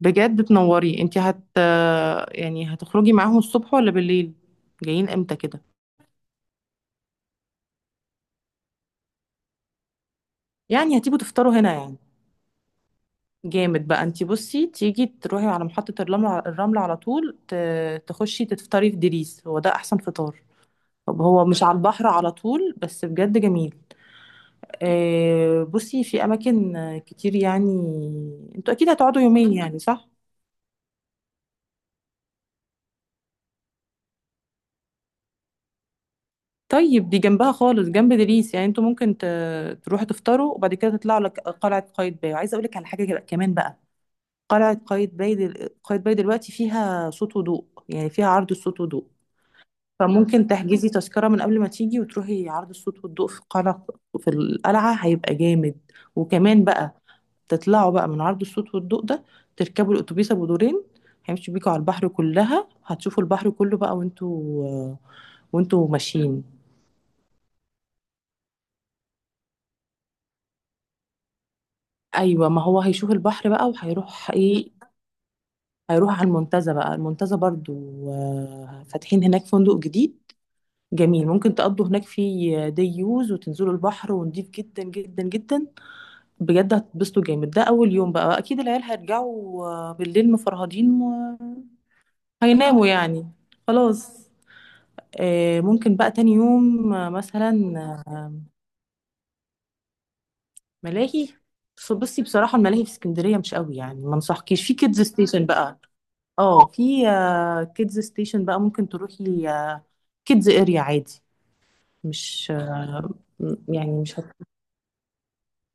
بجد تنوري انت. يعني هتخرجي معاهم الصبح ولا بالليل؟ جايين امتى كده؟ يعني هتيجوا تفطروا هنا يعني؟ جامد بقى. انت بصي، تيجي تروحي على محطة الرمل، الرمل على طول، تخشي تفطري في دريس. هو ده احسن فطار. طب هو مش على البحر على طول، بس بجد جميل. بصي في اماكن كتير يعني. انتوا اكيد هتقعدوا يومين يعني، صح؟ طيب، دي جنبها خالص، جنب دريس، يعني انتوا ممكن تروحوا تفطروا وبعد كده تطلعوا لك قلعة قايتباي. وعايزة اقول لك على حاجة كمان بقى. قلعة قايتباي دلوقتي فيها صوت وضوء، يعني فيها عرض الصوت والضوء. فممكن تحجزي تذكرة من قبل ما تيجي، وتروحي عرض الصوت والضوء في القلعة. هيبقى جامد. وكمان بقى، تطلعوا بقى من عرض الصوت والضوء ده، تركبوا الأتوبيس أبو دورين، هيمشي بيكوا على البحر، كلها هتشوفوا البحر كله بقى وانتوا ماشيين. ايوه، ما هو هيشوف البحر بقى. وهيروح ايه؟ هيروح على المنتزه بقى، المنتزه برضو. فاتحين هناك فندق جديد. جميل. ممكن تقضوا هناك في دي يوز، وتنزلوا البحر، ونضيف جدا جدا جدا. بجد هتتبسطوا جامد. ده اول يوم بقى، اكيد العيال هيرجعوا بالليل مفرهدين. وهيناموا يعني. خلاص. ممكن بقى تاني يوم مثلا. آه، ملاهي. بصي بصراحة، الملاهي في اسكندرية مش قوي يعني، ما انصحكيش. في كيدز ستيشن بقى، اه، في كيدز ستيشن بقى، ممكن تروحي كيدز اريا عادي. مش يعني مش.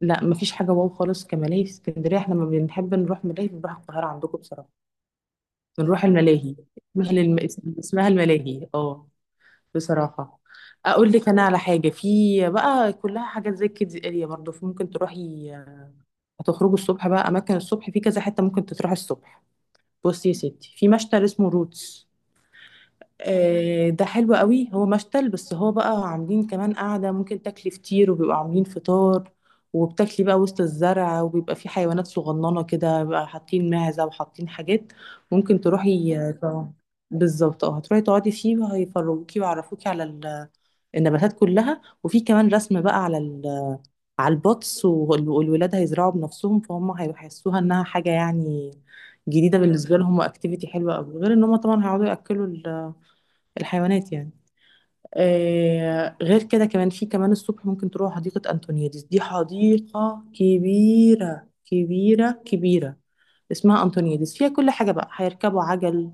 لا مفيش حاجة واو خالص كملاهي في اسكندرية. احنا لما بنحب نروح ملاهي بنروح القاهرة عندكم، بصراحة. بنروح الملاهي، اسمها الملاهي، اه، بصراحة. اقول لك انا على حاجة، في بقى كلها حاجات زي كيدز اريا برضه، ممكن تروحي. هتخرجوا الصبح بقى، اماكن الصبح في كذا حتة ممكن تروح الصبح. بصي يا ستي، في مشتل اسمه روتس. ده حلو قوي. هو مشتل بس هو بقى عاملين كمان قاعدة، ممكن تاكلي فطير، وبيبقى عاملين فطار، وبتاكلي بقى وسط الزرع. وبيبقى في حيوانات صغننة كده بقى، حاطين معزة وحاطين حاجات. ممكن تروحي طبعا. بالظبط، اه، هتروحي تقعدي فيه، وهيفروكي ويعرفوكي على النباتات كلها. وفي كمان رسم بقى على على البطس، والولاد هيزرعوا بنفسهم، فهم هيحسوها انها حاجة يعني جديدة بالنسبة لهم. واكتيفيتي حلوة قوي، غير ان هم طبعا هيقعدوا ياكلوا الحيوانات يعني. غير كده، كمان في كمان الصبح ممكن تروح حديقة أنطونيادس، دي حديقة كبيرة كبيرة كبيرة. اسمها أنطونيادس، فيها كل حاجة بقى، هيركبوا عجل،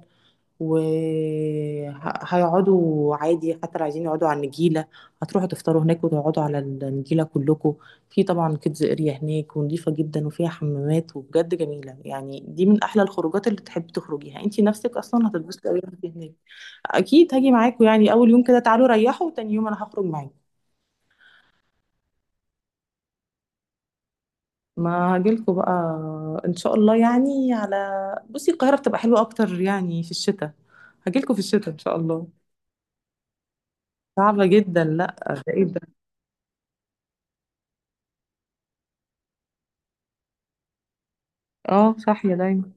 وهيقعدوا عادي، حتى لو عايزين يقعدوا على النجيلة. هتروحوا تفطروا هناك وتقعدوا على النجيلة كلكم. في طبعا كيدز اريا هناك، ونضيفة جدا، وفيها حمامات، وبجد جميلة يعني. دي من أحلى الخروجات اللي تحب تخرجيها انتي نفسك أصلا. هتتبسطي أوي وانتي هناك. اكيد هاجي معاكم، يعني اول يوم كده تعالوا ريحوا، وتاني يوم انا هخرج معاكم. ما هاجيلكوا بقى، ان شاء الله يعني. على بصي، القاهره بتبقى حلوه اكتر يعني في الشتاء. هاجيلكوا في الشتاء ان شاء الله. صعبه جدا، لا. ده ايه ده؟ اه، صاحيه دايما.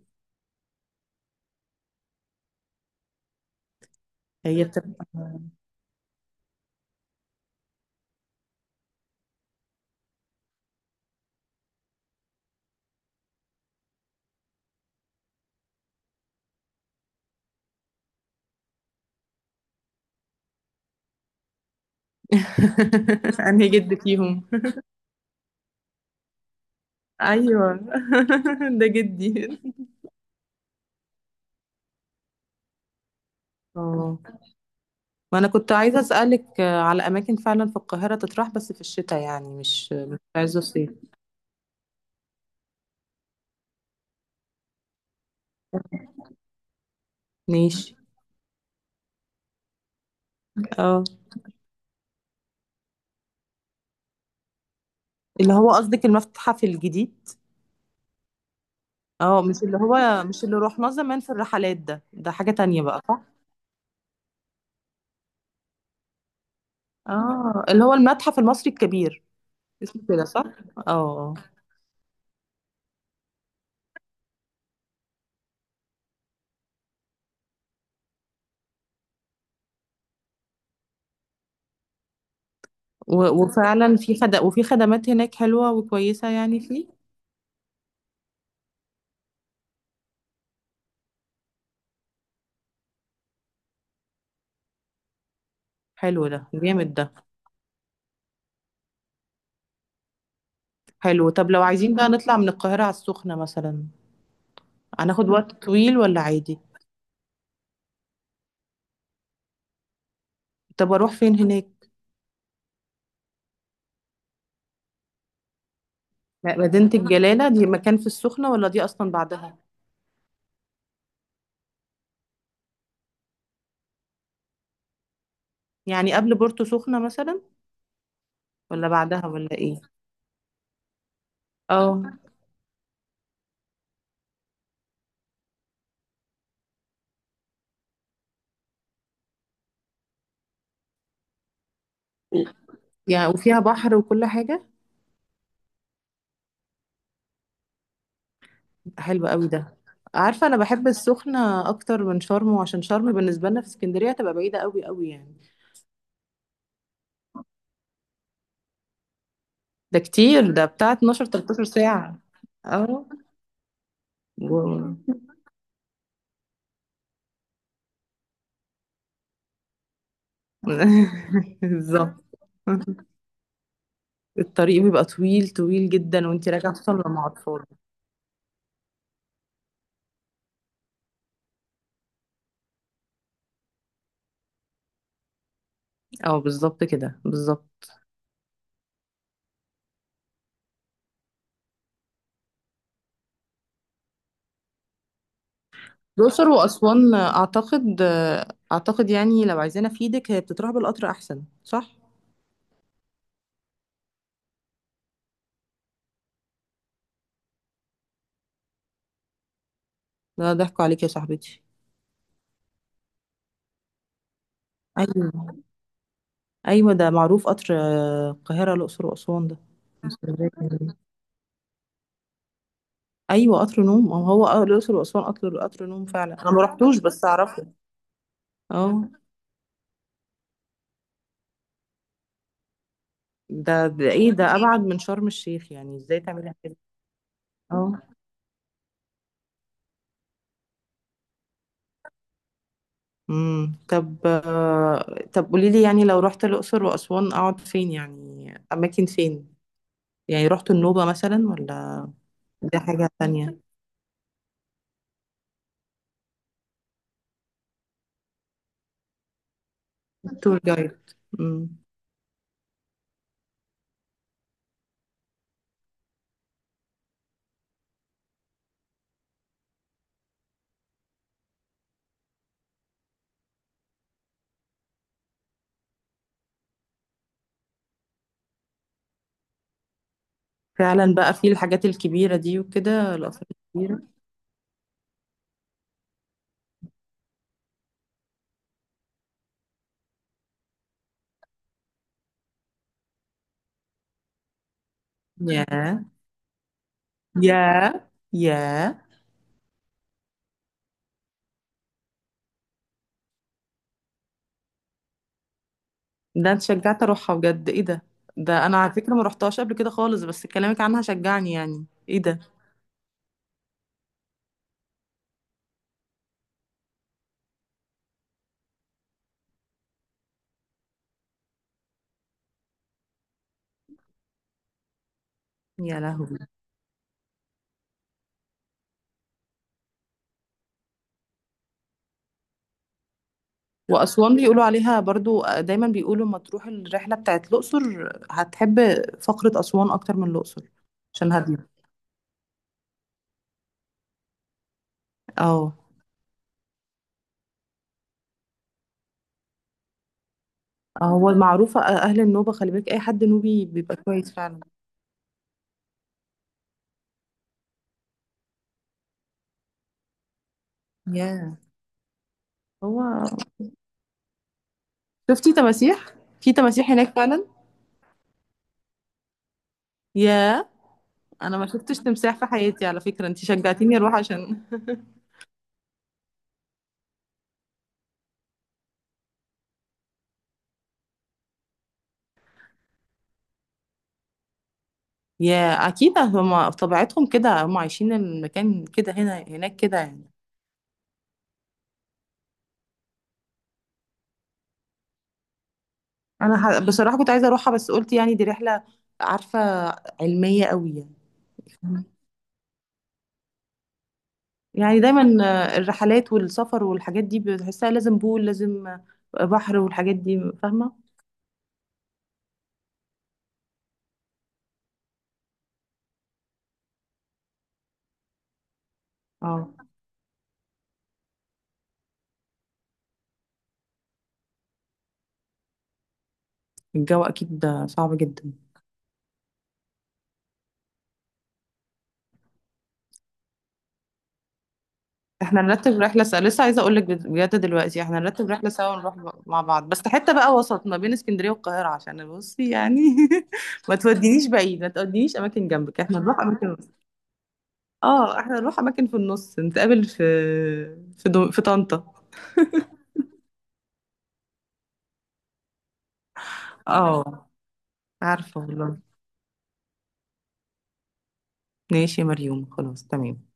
هي بتبقى. انهي جد فيهم؟ ايوه. ده جدي. اه، ما انا كنت عايزه اسالك على اماكن فعلا في القاهره تطرح، بس في الشتاء يعني، مش عايزه صيف. ماشي. اه. اللي هو قصدِك المتحف الجديد؟ مش اللي هو مش اللي رُحناه زمان في الرحلات، ده حاجة تانية بقى، صح؟ آه، اللي هو المتحف المصري الكبير، اسمه كده، صح؟ آه، آه. و وفعلًا في خد وفي خدمات هناك حلوة وكويسة يعني، فيه؟ حلو ده، جامد ده. حلو. طب لو عايزين بقى نطلع من القاهرة على السخنة مثلًا، هناخد وقت طويل والّا عادي؟ طب أروح فين هناك؟ مدينة الجلالة دي مكان في السخنة، والّا دي أصلًا بعدها؟ يعني قبل بورتو سخنة مثلًا، والّا بعدها والّا إيه؟ آه. يعني وفيها بحر وكل حاجة؟ حلو قوي ده. عارفة أنا بحب السخنة أكتر من شرم، عشان شرم بالنسبة لنا في اسكندرية تبقى بعيدة قوي قوي يعني. ده كتير، ده بتاع 12 13 ساعة. اه و- بالظبط. الطريق بيبقى طويل طويل جدا وانتي راجعة، خصوصا لو مع أطفال. اه، بالظبط كده بالظبط. الأقصر وأسوان، أعتقد. أعتقد يعني، لو عايزانا في ايدك، هي بتتراح بالقطر أحسن، صح؟ لا، ضحكوا عليك يا صاحبتي. ايوه، ايوه، ده معروف قطر القاهره الاقصر واسوان ده. اسكندرية. ايوه قطر نوم، ما هو الاقصر واسوان قطر نوم فعلا، انا ما رحتوش بس اعرفه. اه. ده ايه ده؟ ابعد من شرم الشيخ، يعني ازاي تعملي كده؟ اه. طب قولي لي، يعني لو رحت الاقصر واسوان اقعد فين؟ يعني اماكن فين؟ يعني رحت النوبه مثلا، ولا دي حاجه تانية. تور جايد. امم. فعلا بقى في الحاجات الكبيره دي وكده، الاثار الكبيره. ياه، ياه، ياه. ده انت شجعت اروحها بجد، ايه ده؟ ده انا على فكره ما روحتهاش قبل كده خالص، بس كلامك عنها شجعني، يعني ايه ده؟ يا لهوي. واسوان بيقولوا عليها برضو، دايما بيقولوا ما تروح الرحله بتاعت الاقصر، هتحب فقره اسوان اكتر من الاقصر. عشان هاديه. اه. هو المعروفه اهل النوبه، خلي بالك، اي حد نوبي بيبقى كويس فعلا. ياه. هو، شفتي تماسيح؟ في تماسيح هناك فعلا؟ ياه. انا ما شفتش تمساح في حياتي، على فكره انت شجعتيني اروح عشان يا، اكيد هما في طبيعتهم كده، هما عايشين المكان، كده هنا هناك كده يعني. انا بصراحه كنت عايزه اروحها، بس قلت يعني دي رحله، عارفه، علميه قوي يعني. يعني دايما الرحلات والسفر والحاجات دي بتحسها لازم بول، لازم بحر، والحاجات دي، فاهمه. اه، الجو اكيد ده صعب جدا. احنا نرتب رحلة سوا، لسه عايزة اقول لك، بجد دلوقتي احنا نرتب رحلة سوا ونروح مع بعض، بس حتة بقى وسط ما بين اسكندرية والقاهرة، عشان بصي يعني. ما تودينيش بعيد، ما تودينيش اماكن جنبك، احنا نروح اماكن. اه، احنا نروح اماكن في النص، نتقابل في في طنطا. اه. عارفة والله. ماشي يا مريوم، خلاص تمام.